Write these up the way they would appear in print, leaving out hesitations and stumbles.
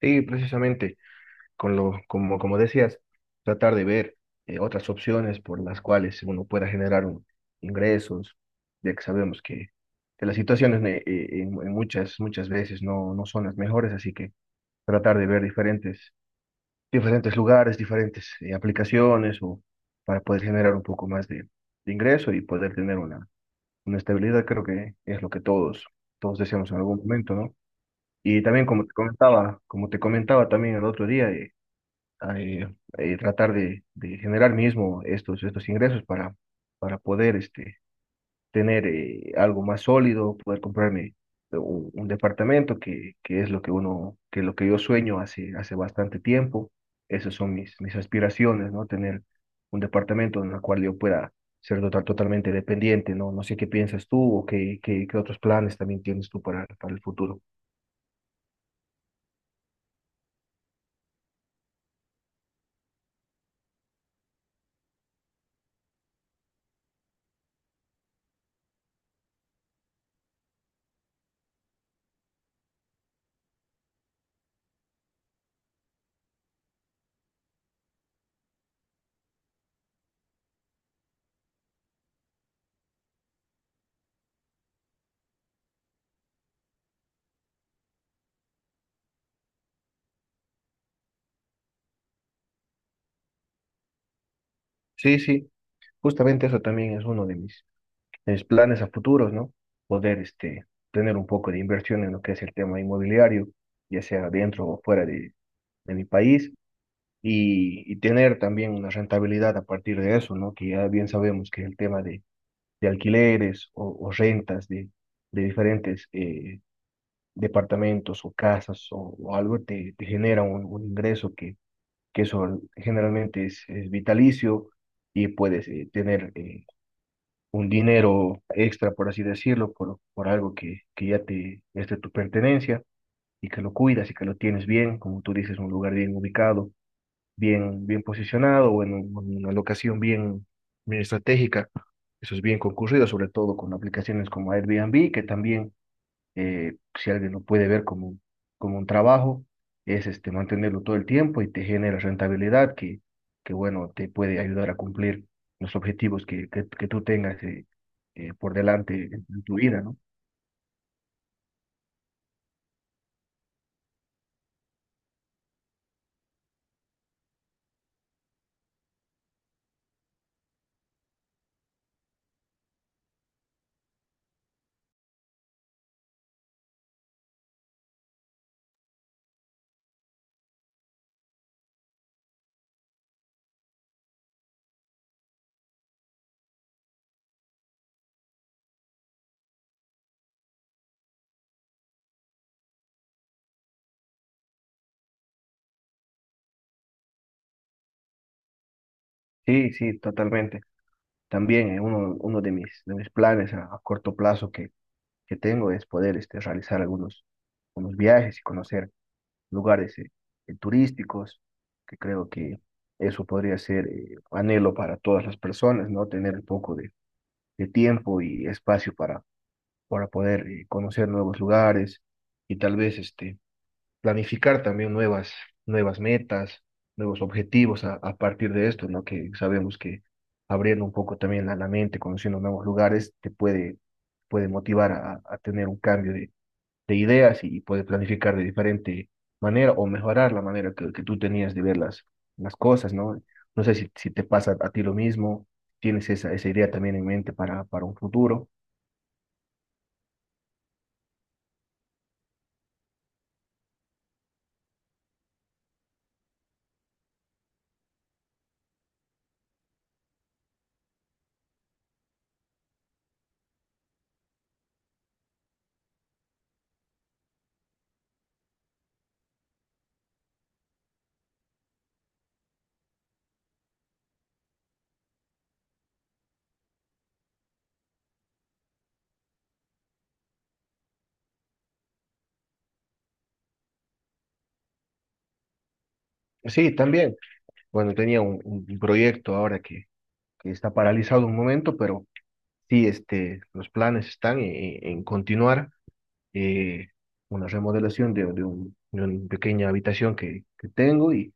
Sí, precisamente, con lo, como, como decías, tratar de ver otras opciones por las cuales uno pueda generar ingresos, ya que sabemos que las situaciones en muchas, muchas veces no, no son las mejores, así que tratar de ver diferentes lugares, diferentes aplicaciones o para poder generar un poco más de ingreso y poder tener una estabilidad, creo que es lo que todos deseamos en algún momento, ¿no? Y también como te comentaba también el otro día, a, eh, tratar de generar mismo estos ingresos para poder tener algo más sólido, poder comprarme un departamento que es lo que que lo que yo sueño hace bastante tiempo. Esas son mis aspiraciones, ¿no? Tener un departamento en el cual yo pueda ser totalmente dependiente, ¿no? No sé qué piensas tú o qué otros planes también tienes tú para el futuro. Sí, sí, justamente eso también es uno de mis mis planes a futuros, ¿no? Poder tener un poco de inversión en lo que es el tema inmobiliario, ya sea dentro o fuera de mi país, y tener también una rentabilidad a partir de eso, ¿no? Que ya bien sabemos que el tema de alquileres o rentas de diferentes departamentos o casas o algo te genera un ingreso que eso generalmente es vitalicio y puedes tener un dinero extra, por así decirlo, por algo que ya te es de tu pertenencia y que lo cuidas y que lo tienes bien, como tú dices, un lugar bien ubicado, bien posicionado o en una locación bien estratégica. Eso es bien concurrido, sobre todo con aplicaciones como Airbnb, que también si alguien lo puede ver como, como un trabajo, es mantenerlo todo el tiempo y te genera rentabilidad que bueno, te puede ayudar a cumplir los objetivos que tú tengas por delante en tu vida, ¿no? Sí, sí, totalmente. También uno de de mis planes a corto plazo que tengo es poder realizar algunos viajes y conocer lugares turísticos, que creo que eso podría ser anhelo para todas las personas, ¿no? Tener un poco de tiempo y espacio para poder conocer nuevos lugares y tal vez planificar también nuevas metas, nuevos objetivos a partir de esto, ¿no? Que sabemos que abriendo un poco también la mente, conociendo nuevos lugares, te puede motivar a tener un cambio de ideas y puedes planificar de diferente manera o mejorar la manera que tú tenías de ver las cosas, ¿no? No sé si, si te pasa a ti lo mismo, tienes esa idea también en mente para un futuro. Sí, también. Bueno, tenía un proyecto ahora que está paralizado un momento, pero sí, los planes están en continuar eh, una remodelación de una pequeña habitación que tengo y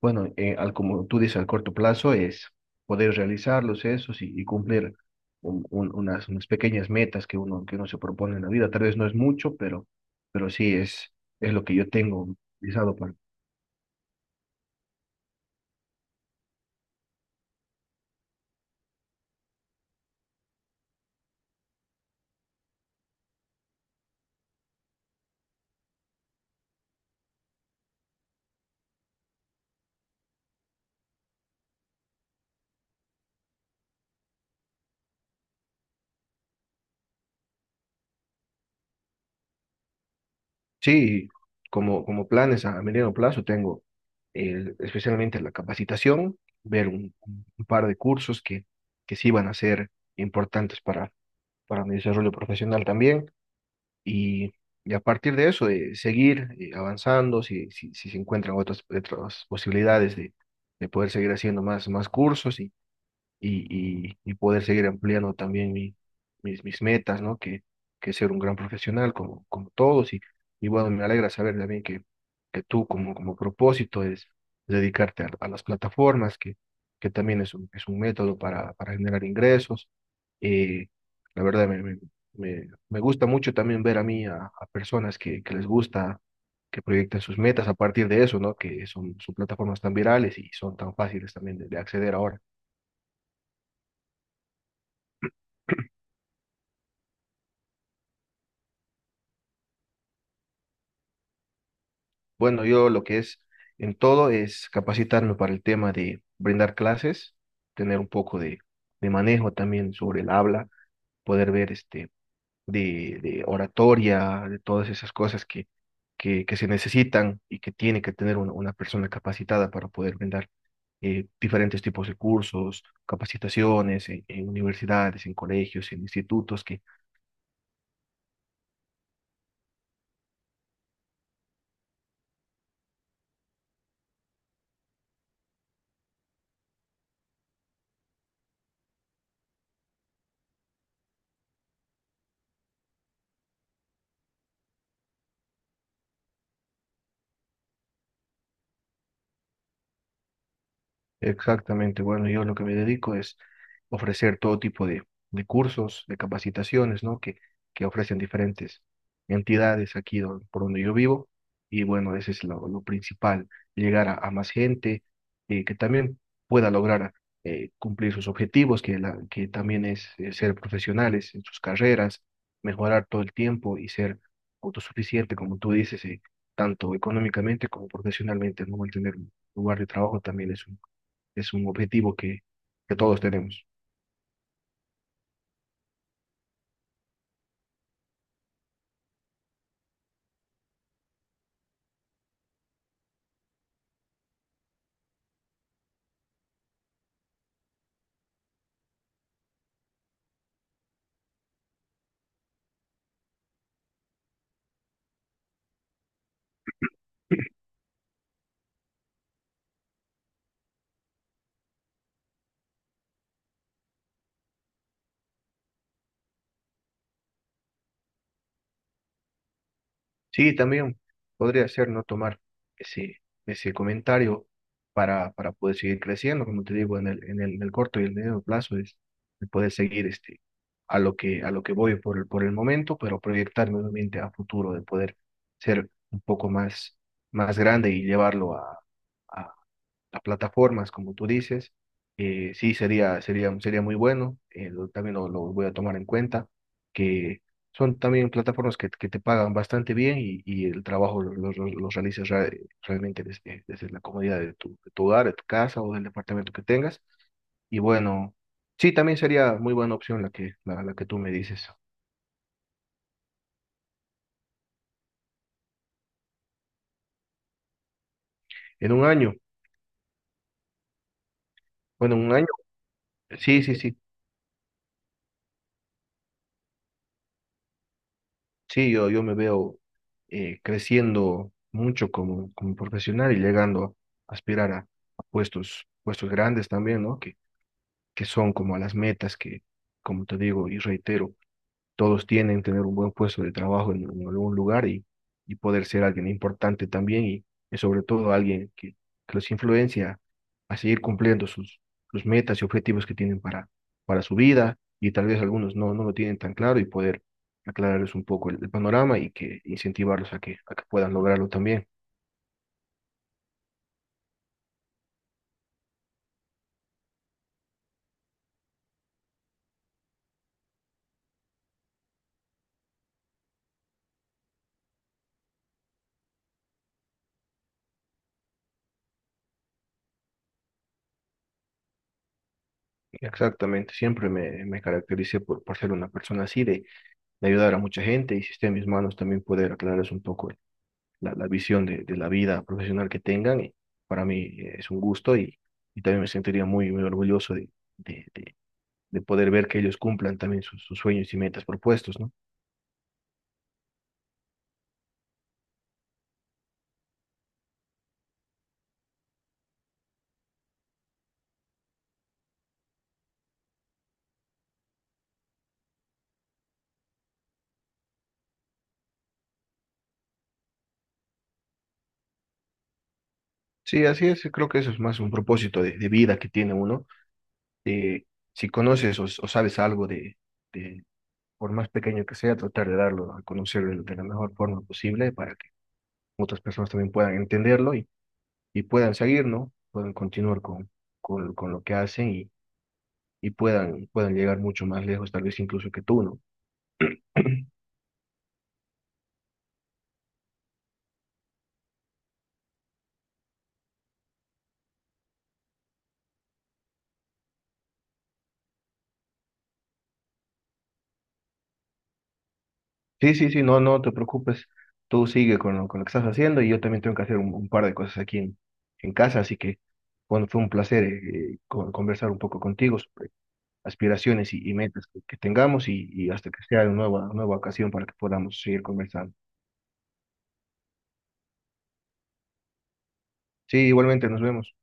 bueno, al, como tú dices, al corto plazo es poder realizar los esos y cumplir unas pequeñas metas que que uno se propone en la vida. Tal vez no es mucho, pero sí es lo que yo tengo realizado para. Sí, como, como planes a mediano plazo tengo especialmente la capacitación, ver un par de cursos que sí van a ser importantes para mi desarrollo profesional también. Y, y a partir de eso, de seguir avanzando, si, si se encuentran otras posibilidades de poder seguir haciendo más cursos y poder seguir ampliando también mis metas, ¿no? Que ser un gran profesional como, como todos. Y bueno, me alegra saber también que tú como, como propósito es dedicarte a las plataformas, que también es es un método para generar ingresos. Eh, la verdad, me gusta mucho también ver a mí a personas que les gusta, que proyecten sus metas a partir de eso, ¿no? Que son, son plataformas tan virales y son tan fáciles también de acceder ahora. Bueno, yo lo que es en todo es capacitarme para el tema de brindar clases, tener un poco de manejo también sobre el habla, poder ver de oratoria, de todas esas cosas que se necesitan y que tiene que tener una persona capacitada para poder brindar diferentes tipos de cursos, capacitaciones en universidades, en colegios, en institutos que… Exactamente. Bueno, yo lo que me dedico es ofrecer todo tipo de cursos, de capacitaciones, ¿no? Que ofrecen diferentes entidades aquí por donde yo vivo. Y bueno, ese es lo principal, llegar a más gente que también pueda lograr cumplir sus objetivos, que, la, que también es ser profesionales en sus carreras, mejorar todo el tiempo y ser autosuficiente, como tú dices, tanto económicamente como profesionalmente, ¿no? Mantener un lugar de trabajo también es un objetivo que todos tenemos. Sí, también podría ser no tomar ese, ese comentario para poder seguir creciendo, como te digo, en el, en el, en el corto y el medio plazo es poder seguir a lo que voy por el momento, pero proyectarme nuevamente a futuro, de poder ser un poco más grande y llevarlo a, las plataformas, como tú dices. Sí, sería muy bueno. También lo voy a tomar en cuenta, que son también plataformas que te pagan bastante bien y el trabajo lo realizas realmente desde, desde la comodidad de tu hogar, de tu casa o del departamento que tengas. Y bueno, sí, también sería muy buena opción la que, la que tú me dices. En un año, bueno, en un año, sí, sí, sí. Sí, yo me veo creciendo mucho como, como profesional y llegando a aspirar a puestos grandes también, ¿no? Que son como las metas como te digo y reitero, todos tienen tener un buen puesto de trabajo en algún lugar y poder ser alguien importante también y sobre todo alguien que los influencia a seguir cumpliendo sus metas y objetivos que tienen para su vida y tal vez algunos no, no lo tienen tan claro y poder aclararles un poco el panorama y que incentivarlos a que puedan lograrlo también. Exactamente, siempre me caractericé por ser una persona así, de ayudar a mucha gente y si está en mis manos también poder aclararles un poco la, la visión de la vida profesional que tengan. Y para mí es un gusto y también me sentiría muy orgulloso de, de- de poder ver que ellos cumplan también sus, sus sueños y metas propuestos, ¿no? Sí, así es. Creo que eso es más un propósito de vida que tiene uno, de si conoces o sabes algo de, por más pequeño que sea, tratar de darlo a conocer de la mejor forma posible para que otras personas también puedan entenderlo y puedan seguir, ¿no? Puedan continuar con lo que hacen y puedan, puedan llegar mucho más lejos, tal vez incluso que tú, ¿no? Sí, sí, sí, no, no te preocupes, tú sigue con lo que estás haciendo y yo también tengo que hacer un par de cosas aquí en casa, así que, bueno, fue un placer conversar un poco contigo sobre aspiraciones y metas que tengamos y hasta que sea una nueva ocasión para que podamos seguir conversando. Sí, igualmente, nos vemos.